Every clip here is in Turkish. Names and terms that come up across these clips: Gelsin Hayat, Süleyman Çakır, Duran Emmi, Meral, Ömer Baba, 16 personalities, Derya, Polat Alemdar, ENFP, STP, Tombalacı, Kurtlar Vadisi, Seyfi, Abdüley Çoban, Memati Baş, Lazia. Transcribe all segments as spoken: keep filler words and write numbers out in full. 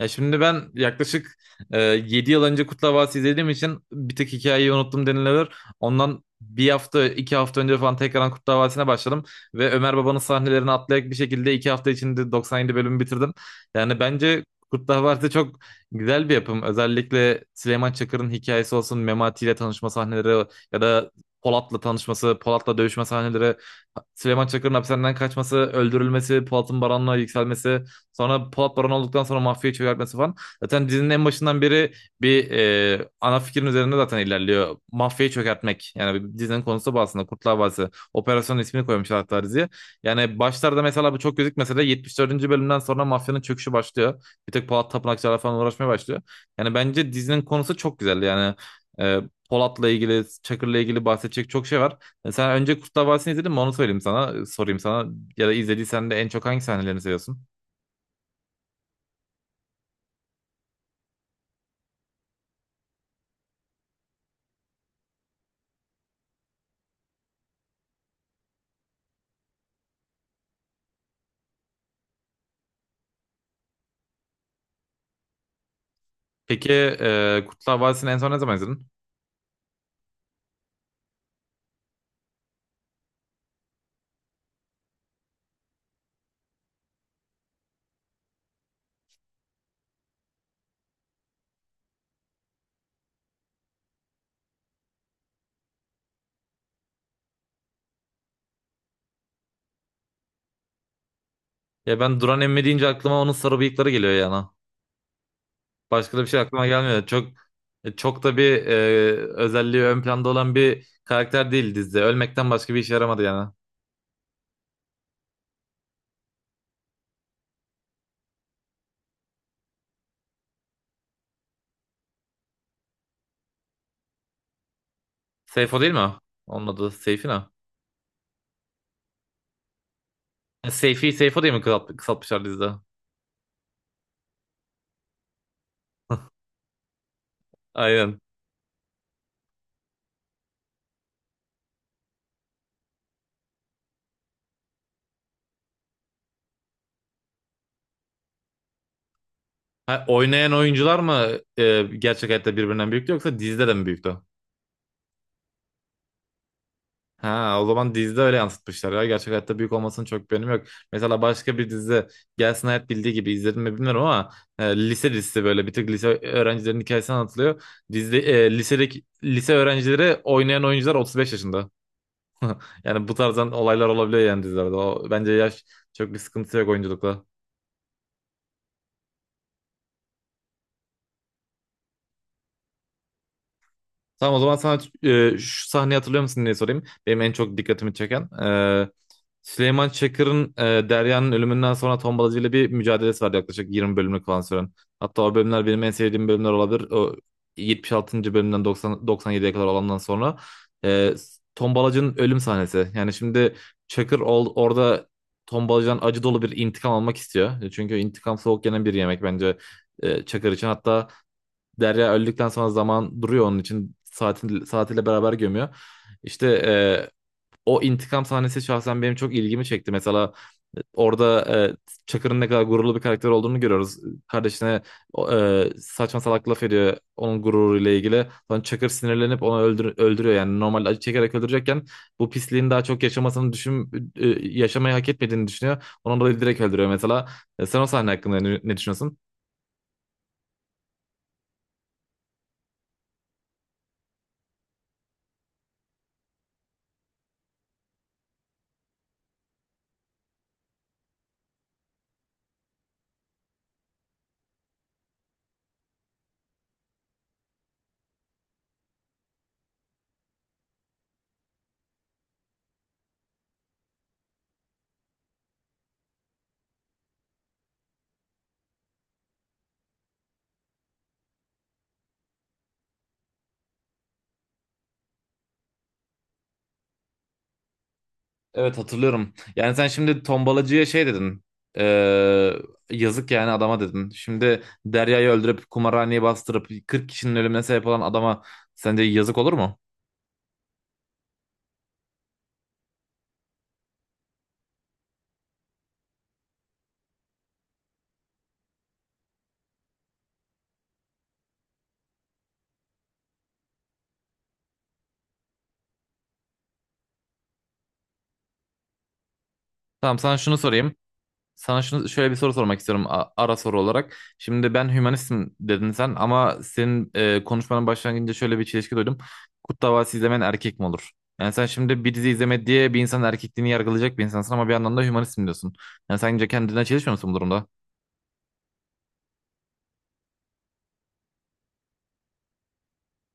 Ya şimdi ben yaklaşık e, yedi yıl önce Kurtlar Vadisi izlediğim için bir tek hikayeyi unuttum denilebilir. Ondan bir hafta, iki hafta önce falan tekrardan Kurtlar Vadisi'ne başladım. Ve Ömer Baba'nın sahnelerini atlayarak bir şekilde iki hafta içinde doksan yedi bölümü bitirdim. Yani bence Kurtlar Vadisi çok güzel bir yapım. Özellikle Süleyman Çakır'ın hikayesi olsun, Memati ile tanışma sahneleri ya da Polat'la tanışması, Polat'la dövüşme sahneleri, Süleyman Çakır'ın hapishaneden kaçması, öldürülmesi, Polat'ın Baran'la yükselmesi. Sonra Polat Baron olduktan sonra mafyayı çökertmesi falan. Zaten dizinin en başından beri bir e, ana fikrin üzerinde zaten ilerliyor. Mafyayı çökertmek. Yani dizinin konusu bu aslında. Kurtlar Vadisi. Operasyonun ismini koymuşlar hatta diziye. Yani başlarda mesela bu çok gözükmese de yetmiş dördüncü bölümden sonra mafyanın çöküşü başlıyor. Bir tek Polat Tapınakçılarla falan uğraşmaya başlıyor. Yani bence dizinin konusu çok güzel. Yani e, Polat'la ilgili, Çakır'la ilgili bahsedecek çok şey var. E, Sen önce Kurtlar Vadisi'ni izledin mi? Onu söyleyeyim sana, sorayım sana. Ya da izlediysen de en çok hangi sahnelerini seviyorsun? Peki e, Kurtlar Vadisi'ni en son ne zaman izledin? Ya ben Duran Emmi deyince aklıma onun sarı bıyıkları geliyor yana. Başka da bir şey aklıma gelmiyor. Çok e, çok da bir e, özelliği ön planda olan bir karakter değil dizide. Ölmekten başka bir işe yaramadı yani. Seyfo değil mi o? Onun adı Seyfi ne? E, Seyfi, Seyfo diye mi kısalt- kısaltmışlar dizide? Aynen. Ha, oynayan oyuncular mı e, gerçek hayatta birbirinden büyüktü yoksa dizide de mi büyüktü? Ha, o zaman dizide öyle yansıtmışlar ya. Gerçek hayatta büyük olmasının çok bir önemi yok. Mesela başka bir dizi Gelsin Hayat bildiği gibi izledim mi bilmiyorum ama e, lise dizisi böyle bir tık lise öğrencilerin hikayesi anlatılıyor. Dizide e, lisedeki lise öğrencileri oynayan oyuncular otuz beş yaşında. Yani bu tarzdan olaylar olabiliyor yani dizilerde. O, bence yaş çok bir sıkıntı yok oyunculukla. Tamam o zaman sana e, şu sahneyi hatırlıyor musun diye sorayım. Benim en çok dikkatimi çeken. E, Süleyman Çakır'ın e, Derya'nın ölümünden sonra Tombalacı ile bir mücadelesi var yaklaşık yirmi bölümlük falan süren. Hatta o bölümler benim en sevdiğim bölümler olabilir. O yetmiş altıncı bölümden doksan, doksan yediye kadar olandan sonra. E, Tombalacı'nın ölüm sahnesi. Yani şimdi Çakır ol, orada Tombalacı'dan acı dolu bir intikam almak istiyor. Çünkü intikam soğuk yenen bir yemek bence e, Çakır için. Hatta Derya öldükten sonra zaman duruyor onun için. Saatin, saatiyle beraber gömüyor. İşte e, o intikam sahnesi şahsen benim çok ilgimi çekti. Mesela e, orada e, Çakır'ın ne kadar gururlu bir karakter olduğunu görüyoruz. Kardeşine o, e, saçma salak laf ediyor onun gururuyla ilgili. Sonra Çakır sinirlenip onu öldür öldürüyor. Yani normal acı çekerek öldürecekken bu pisliğin daha çok yaşamasını düşün e, yaşamayı hak etmediğini düşünüyor. Ondan dolayı direkt öldürüyor mesela. E, sen o sahne hakkında ne, ne düşünüyorsun? Evet, hatırlıyorum. Yani sen şimdi tombalacıya şey dedin. Ee, yazık yani adama dedin. Şimdi Derya'yı öldürüp kumarhaneyi bastırıp kırk kişinin ölümüne sebep olan adama sence yazık olur mu? Tamam sana şunu sorayım. Sana şunu şöyle bir soru sormak istiyorum a- ara soru olarak. Şimdi ben hümanistim dedin sen ama senin e, konuşmanın başlangıcında şöyle bir çelişki duydum. Kurt Davası izlemen erkek mi olur? Yani sen şimdi bir dizi izleme diye bir insanın erkekliğini yargılayacak bir insansın ama bir yandan da hümanistim diyorsun. Yani sence kendine çelişmiyor musun bu durumda?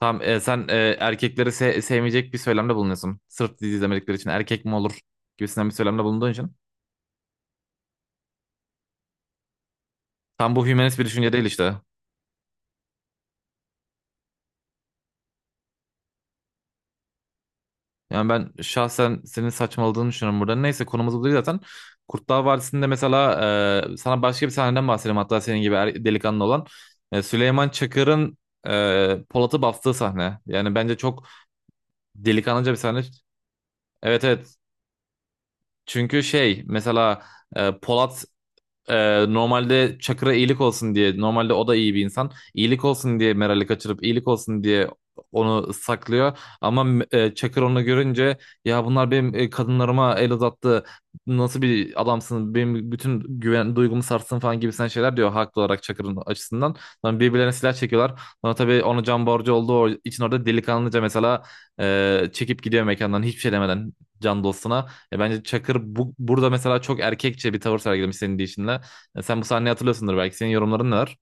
Tamam e, sen e, erkekleri se- sevmeyecek bir söylemde bulunuyorsun. Sırf dizi izlemedikleri için erkek mi olur gibisinden bir söylemde bulunduğun için. Tam bu hümanist bir düşünce değil işte. Yani ben şahsen senin saçmaladığını düşünüyorum burada. Neyse konumuz bu değil zaten. Kurtlar Vadisi'nde mesela e, sana başka bir sahneden bahsedeyim hatta senin gibi er- delikanlı olan. E, Süleyman Çakır'ın e, Polat'ı bastığı sahne. Yani bence çok delikanlıca bir sahne. Evet, evet. Çünkü şey mesela e, Polat Ee, normalde Çakır'a iyilik olsun diye, normalde o da iyi bir insan, iyilik olsun diye Meral'i kaçırıp iyilik olsun diye onu saklıyor ama e, Çakır onu görünce ya bunlar benim e, kadınlarıma el uzattı, nasıl bir adamsın, benim bütün güven duygumu sarstın falan gibisinden şeyler diyor haklı olarak Çakır'ın açısından. Sonra birbirlerine silah çekiyorlar, sonra tabii ona can borcu olduğu için orada delikanlıca mesela e, çekip gidiyor mekandan hiçbir şey demeden can dostuna. E bence Çakır bu, burada mesela çok erkekçe bir tavır sergilemiş senin deyişinle. E, Sen bu sahneyi hatırlıyorsundur belki. Senin yorumların ne var?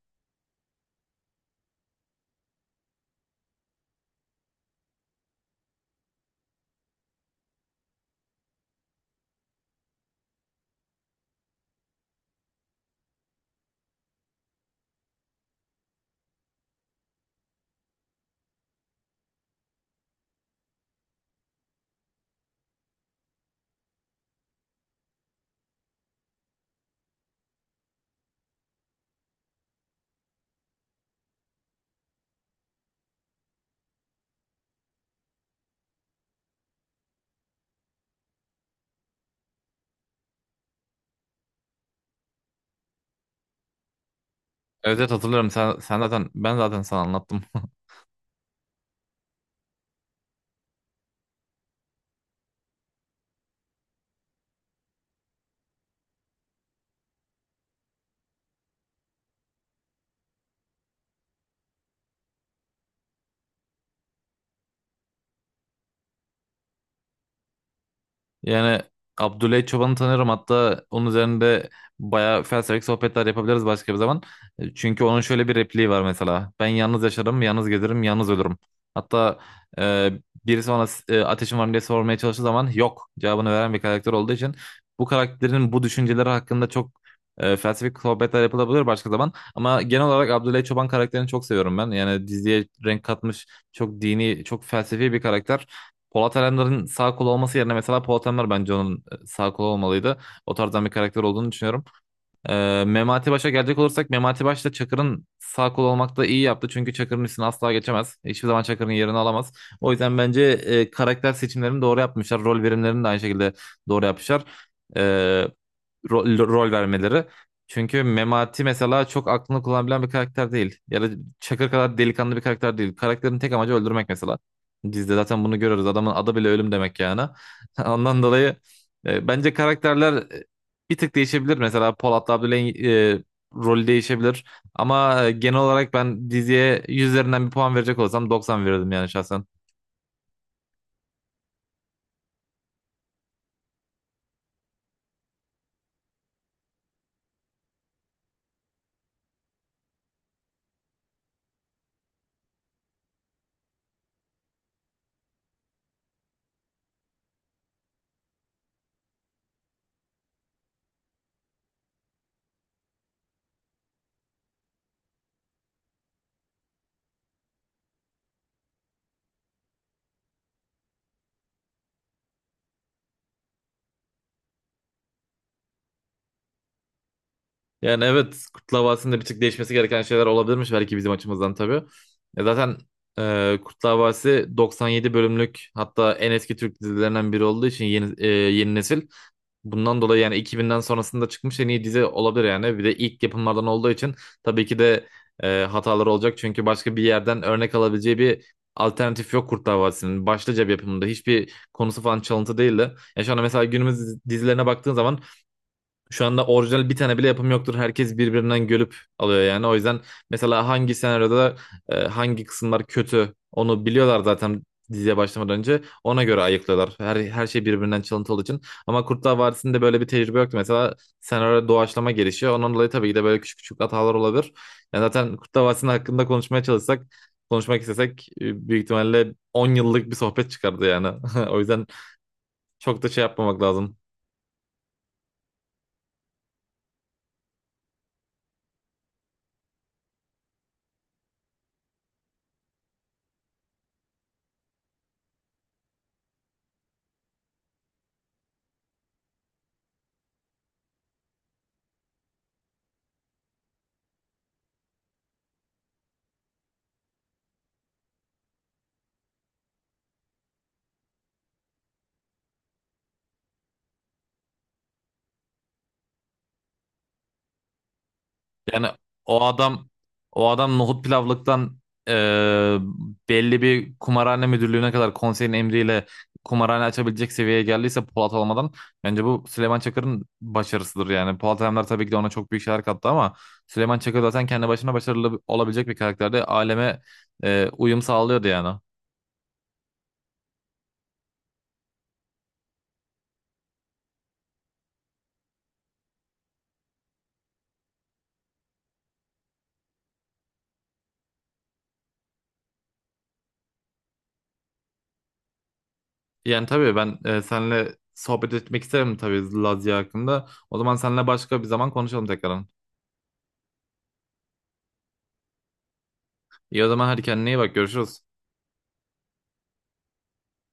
Evet, evet, hatırlıyorum. Sen, sen zaten ben zaten sana anlattım. Yani Abdüley Çoban'ı tanıyorum. Hatta onun üzerinde bayağı felsefik sohbetler yapabiliriz başka bir zaman. E, Çünkü onun şöyle bir repliği var mesela. Ben yalnız yaşarım, yalnız gezerim, yalnız ölürüm. Hatta e, birisi bana e, ateşin var mı diye sormaya çalıştığı zaman yok cevabını veren bir karakter olduğu için bu karakterin bu düşünceleri hakkında çok e, felsefik sohbetler yapılabilir başka zaman. Ama genel olarak Abdüley Çoban karakterini çok seviyorum ben. Yani diziye renk katmış çok dini, çok felsefi bir karakter. Polat Alemdar'ın sağ kolu olması yerine mesela Polat Alemdar bence onun e, sağ kolu olmalıydı. O tarzdan bir karakter olduğunu düşünüyorum. Ee, Memati Baş'a gelecek olursak Memati Baş da Çakır'ın sağ kolu olmakta iyi yaptı. Çünkü Çakır'ın üstüne asla geçemez. Hiçbir zaman Çakır'ın yerini alamaz. O yüzden bence e, karakter seçimlerini doğru yapmışlar. Rol verimlerini de aynı şekilde doğru yapmışlar. E, rol, rol vermeleri. Çünkü Memati mesela çok aklını kullanabilen bir karakter değil. Ya da Çakır kadar delikanlı bir karakter değil. Karakterin tek amacı öldürmek mesela. Dizide zaten bunu görüyoruz. Adamın adı bile ölüm demek yani. Ondan dolayı e, bence karakterler e, bir tık değişebilir. Mesela Polat Abdüley'in e, rolü değişebilir. Ama e, genel olarak ben diziye yüz üzerinden bir puan verecek olsam doksan verirdim yani şahsen. Yani evet, Kurtlar Vadisi'nde bir tık değişmesi gereken şeyler olabilirmiş belki bizim açımızdan tabii. E zaten e, Kurtlar Vadisi doksan yedi bölümlük hatta en eski Türk dizilerinden biri olduğu için yeni, e, yeni nesil. Bundan dolayı yani iki binden sonrasında çıkmış en iyi dizi olabilir yani. Bir de ilk yapımlardan olduğu için tabii ki de e, hataları olacak. Çünkü başka bir yerden örnek alabileceği bir alternatif yok Kurtlar Vadisi'nin. Başlıca bir yapımında hiçbir konusu falan çalıntı değildi. Ya şu anda mesela günümüz dizilerine baktığın zaman şu anda orijinal bir tane bile yapım yoktur. Herkes birbirinden görüp alıyor yani. O yüzden mesela hangi senaryoda e, hangi kısımlar kötü onu biliyorlar zaten diziye başlamadan önce. Ona göre ayıklıyorlar. Her, her şey birbirinden çalıntı olduğu için. Ama Kurtlar Vadisi'nde böyle bir tecrübe yoktu. Mesela senaryo doğaçlama gelişiyor. Ondan dolayı tabii ki de böyle küçük küçük hatalar olabilir. Yani zaten Kurtlar Vadisi'nin hakkında konuşmaya çalışsak, konuşmak istesek e, büyük ihtimalle on yıllık bir sohbet çıkardı yani. O yüzden çok da şey yapmamak lazım. Yani o adam o adam nohut pilavlıktan e, belli bir kumarhane müdürlüğüne kadar konseyin emriyle kumarhane açabilecek seviyeye geldiyse Polat olmadan bence bu Süleyman Çakır'ın başarısıdır yani. Polat Alemdar tabii ki de ona çok büyük şeyler kattı ama Süleyman Çakır zaten kendi başına başarılı olabilecek bir karakterdi, aleme e, uyum sağlıyordu yani. Yani tabii ben e, seninle sohbet etmek isterim tabii Lazia hakkında. O zaman seninle başka bir zaman konuşalım tekrardan. İyi o zaman, hadi kendine iyi bak, görüşürüz.